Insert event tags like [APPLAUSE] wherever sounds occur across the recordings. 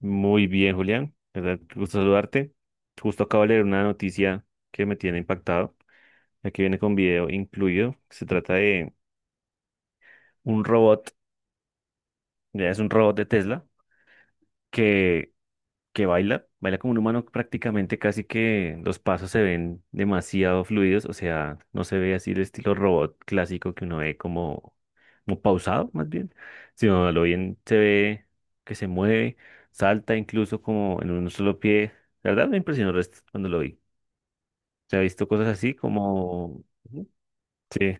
Muy bien, Julián. La ¿Verdad? Gusto saludarte. Justo acabo de leer una noticia que me tiene impactado. Aquí viene con video incluido. Se trata de un robot, ya es un robot de Tesla, que que baila, baila como un humano prácticamente, casi que los pasos se ven demasiado fluidos, o sea, no se ve así el estilo robot clásico que uno ve como, como pausado más bien, sino a lo bien se ve que se mueve, salta incluso como en un solo pie. La verdad me impresionó cuando lo vi. Se ha visto cosas así como... Ujú. Sí,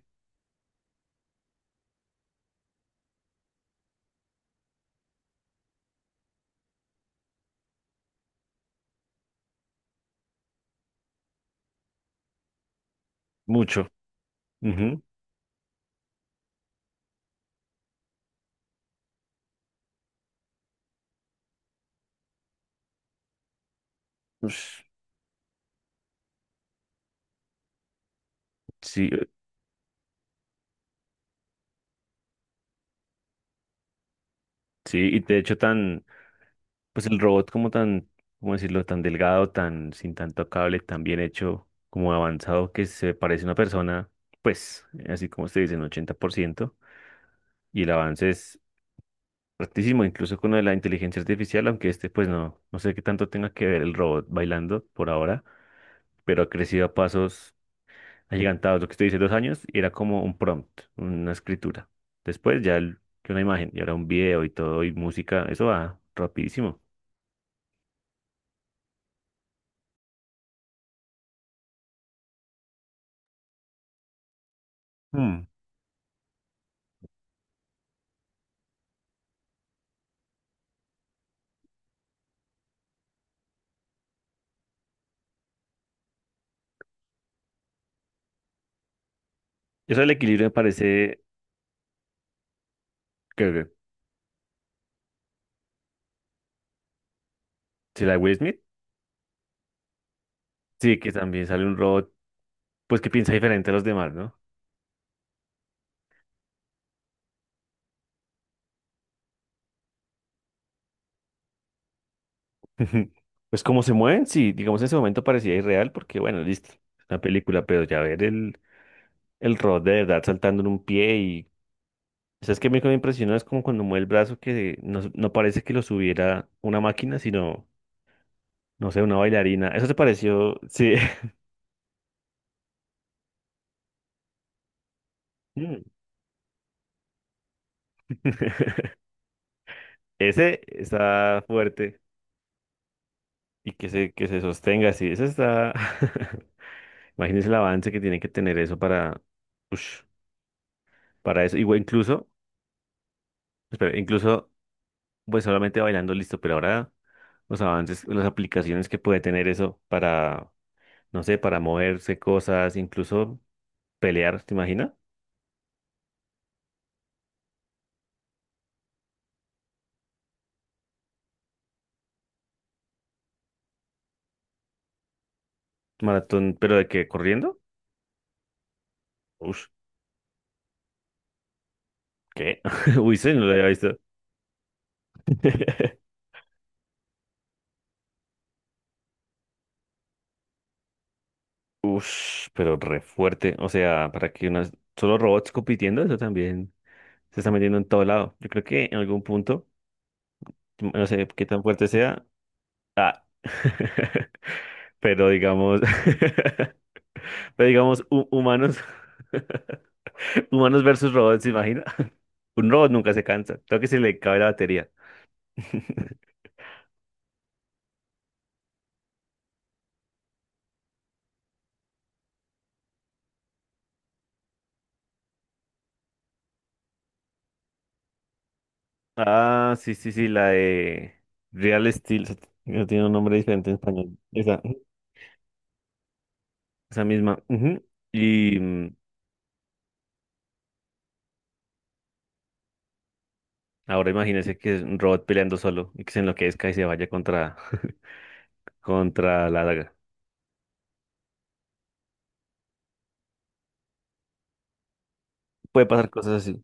mucho. Ujú. Ush, Sí, sí, y de hecho tan... Pues el robot como tan, ¿cómo decirlo? Tan delgado, tan sin tanto cable, tan bien hecho, como avanzado que se parece a una persona, pues así como se dice, en 80%. Y el avance es altísimo, incluso con lo de la inteligencia artificial, aunque este pues no, no sé qué tanto tenga que ver el robot bailando por ahora, pero ha crecido a pasos agigantados. Lo que usted dice, dos años, y era como un prompt, una escritura. Después ya una imagen, y ahora un video y todo, y música, eso va rapidísimo. Hmm. Eso del equilibrio me parece creo que. Sí, la de Will Smith. Sí, que también sale un robot, pues que piensa diferente a los demás, ¿no? [LAUGHS] Pues cómo se mueven, sí, digamos en ese momento parecía irreal porque, bueno, listo, es una película, pero ya ver el robot de verdad saltando en un pie y... ¿Sabes qué me impresionó? Es como cuando mueve el brazo que no, no parece que lo subiera una máquina, sino, no sé, una bailarina. Eso te pareció, sí. [LAUGHS] Mm. [LAUGHS] Ese está fuerte y que se sostenga así, ese está... [LAUGHS] Imagínense el avance que tiene que tener eso para, ush, para eso. Igual incluso, espera, incluso, pues solamente bailando listo, pero ahora los avances, las aplicaciones que puede tener eso para, no sé, para moverse cosas, incluso pelear, ¿te imaginas? Maratón, pero de que corriendo, ush, ¿qué? [LAUGHS] Uy, sí, no lo había visto. [LAUGHS] Ush, pero re fuerte. O sea, para que unas solo robots compitiendo, eso también se está metiendo en todo lado. Yo creo que en algún punto, no sé qué tan fuerte sea, ah, [LAUGHS] pero digamos, [LAUGHS] pero digamos, humanos, [LAUGHS] humanos versus robots, ¿se imagina? [LAUGHS] Un robot nunca se cansa, creo que se le cabe la batería. [LAUGHS] Ah, sí, sí, sí, la de Real Steel, no tiene un nombre diferente en español. Esa, ujú, esa misma. Ujú. Y ahora imagínese que es un robot peleando solo y que se enloquezca y se vaya contra, [LAUGHS] contra la daga. Puede pasar cosas así.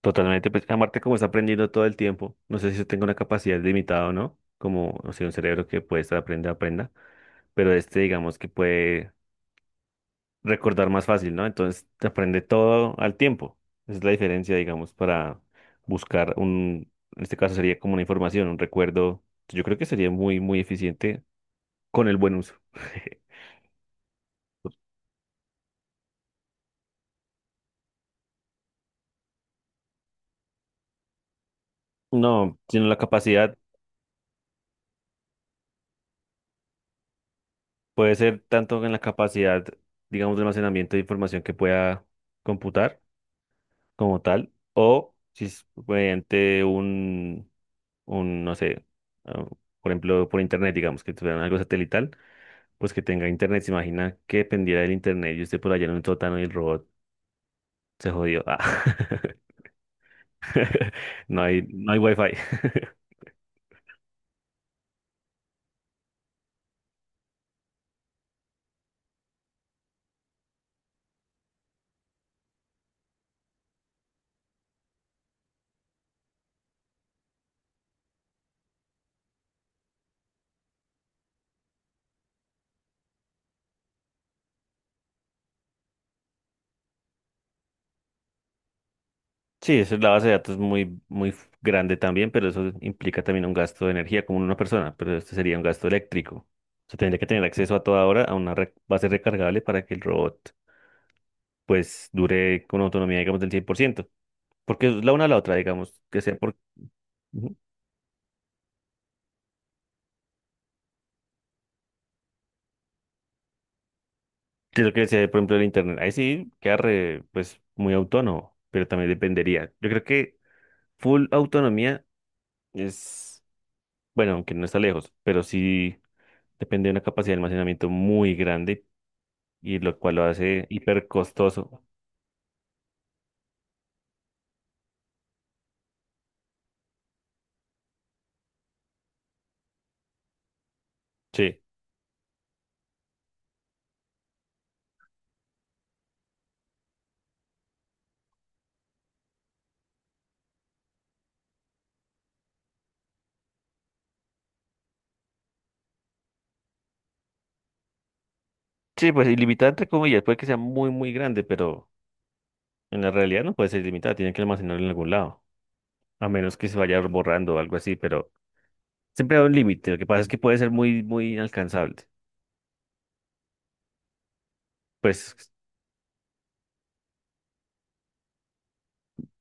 Totalmente, pues Marte como está aprendiendo todo el tiempo, no sé si yo tengo una capacidad limitada o no, como, no sé, un cerebro que puede estar aprenda, aprenda, pero este digamos que puede recordar más fácil, ¿no? Entonces te aprende todo al tiempo. Esa es la diferencia, digamos, para buscar un, en este caso sería como una información, un recuerdo. Yo creo que sería muy, muy eficiente con el buen uso. [LAUGHS] No, sino la capacidad, puede ser tanto en la capacidad, digamos, de almacenamiento de información que pueda computar como tal, o si es mediante un, no sé, ah, por ejemplo, por internet, digamos, que tuvieran algo satelital, pues que tenga internet. ¿Se imagina que dependiera del internet y usted por allá en un sótano y el robot se jodió? Ah. [LAUGHS] No hay, no hay wifi. [LAUGHS] Sí, eso es la base de datos muy, muy grande también, pero eso implica también un gasto de energía como en una persona, pero este sería un gasto eléctrico. O sea, tendría que tener acceso a toda hora a una base recargable para que el robot pues dure con autonomía, digamos, del 100% porque es la una a la otra, digamos, que sea por, ujú, que lo que sea, por ejemplo, el internet, ahí sí queda re, pues muy autónomo, pero también dependería. Yo creo que full autonomía es, bueno, aunque no está lejos, pero sí depende de una capacidad de almacenamiento muy grande y lo cual lo hace hiper costoso. Sí. Sí, pues ilimitada entre comillas, puede que sea muy, muy grande, pero en la realidad no puede ser ilimitada, tiene que almacenarlo en algún lado, a menos que se vaya borrando o algo así, pero siempre hay un límite, lo que pasa es que puede ser muy, muy inalcanzable. Pues,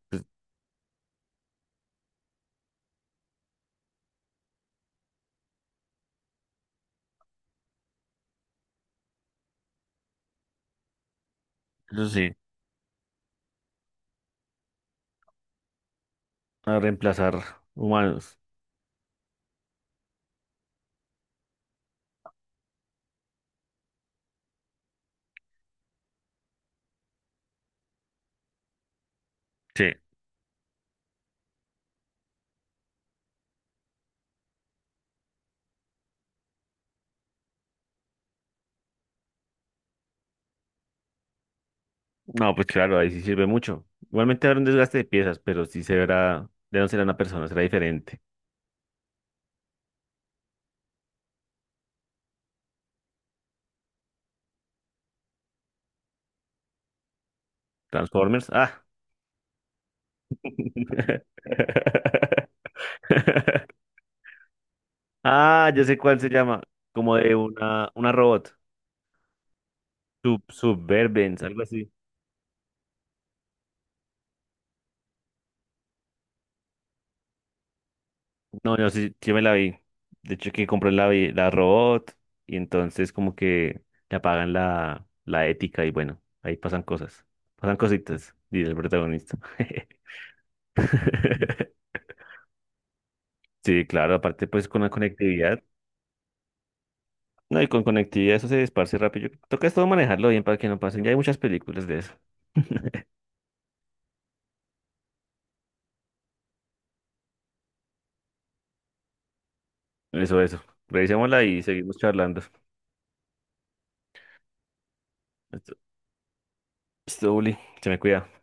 pues, eso sí, a reemplazar humanos. Sí. No, pues claro, ahí sí sirve mucho. Igualmente habrá un desgaste de piezas, pero sí se verá, ya no será una persona, será diferente. Transformers, ah. [LAUGHS] Ah, ya sé cuál se llama, como de una robot. Sub, Suburbans, algo así. No, yo sí, yo me la vi. De hecho, que compró la, la robot y entonces como que le apagan la, la ética y bueno, ahí pasan cosas. Pasan cositas, dice el protagonista. [LAUGHS] Sí, claro, aparte pues con la conectividad. No, y con conectividad eso se esparce rápido. Toca es todo manejarlo bien para que no pasen. Ya hay muchas películas de eso. Eso, eso. Revisémosla y seguimos charlando. Esto, esto, Uli, se me cuida.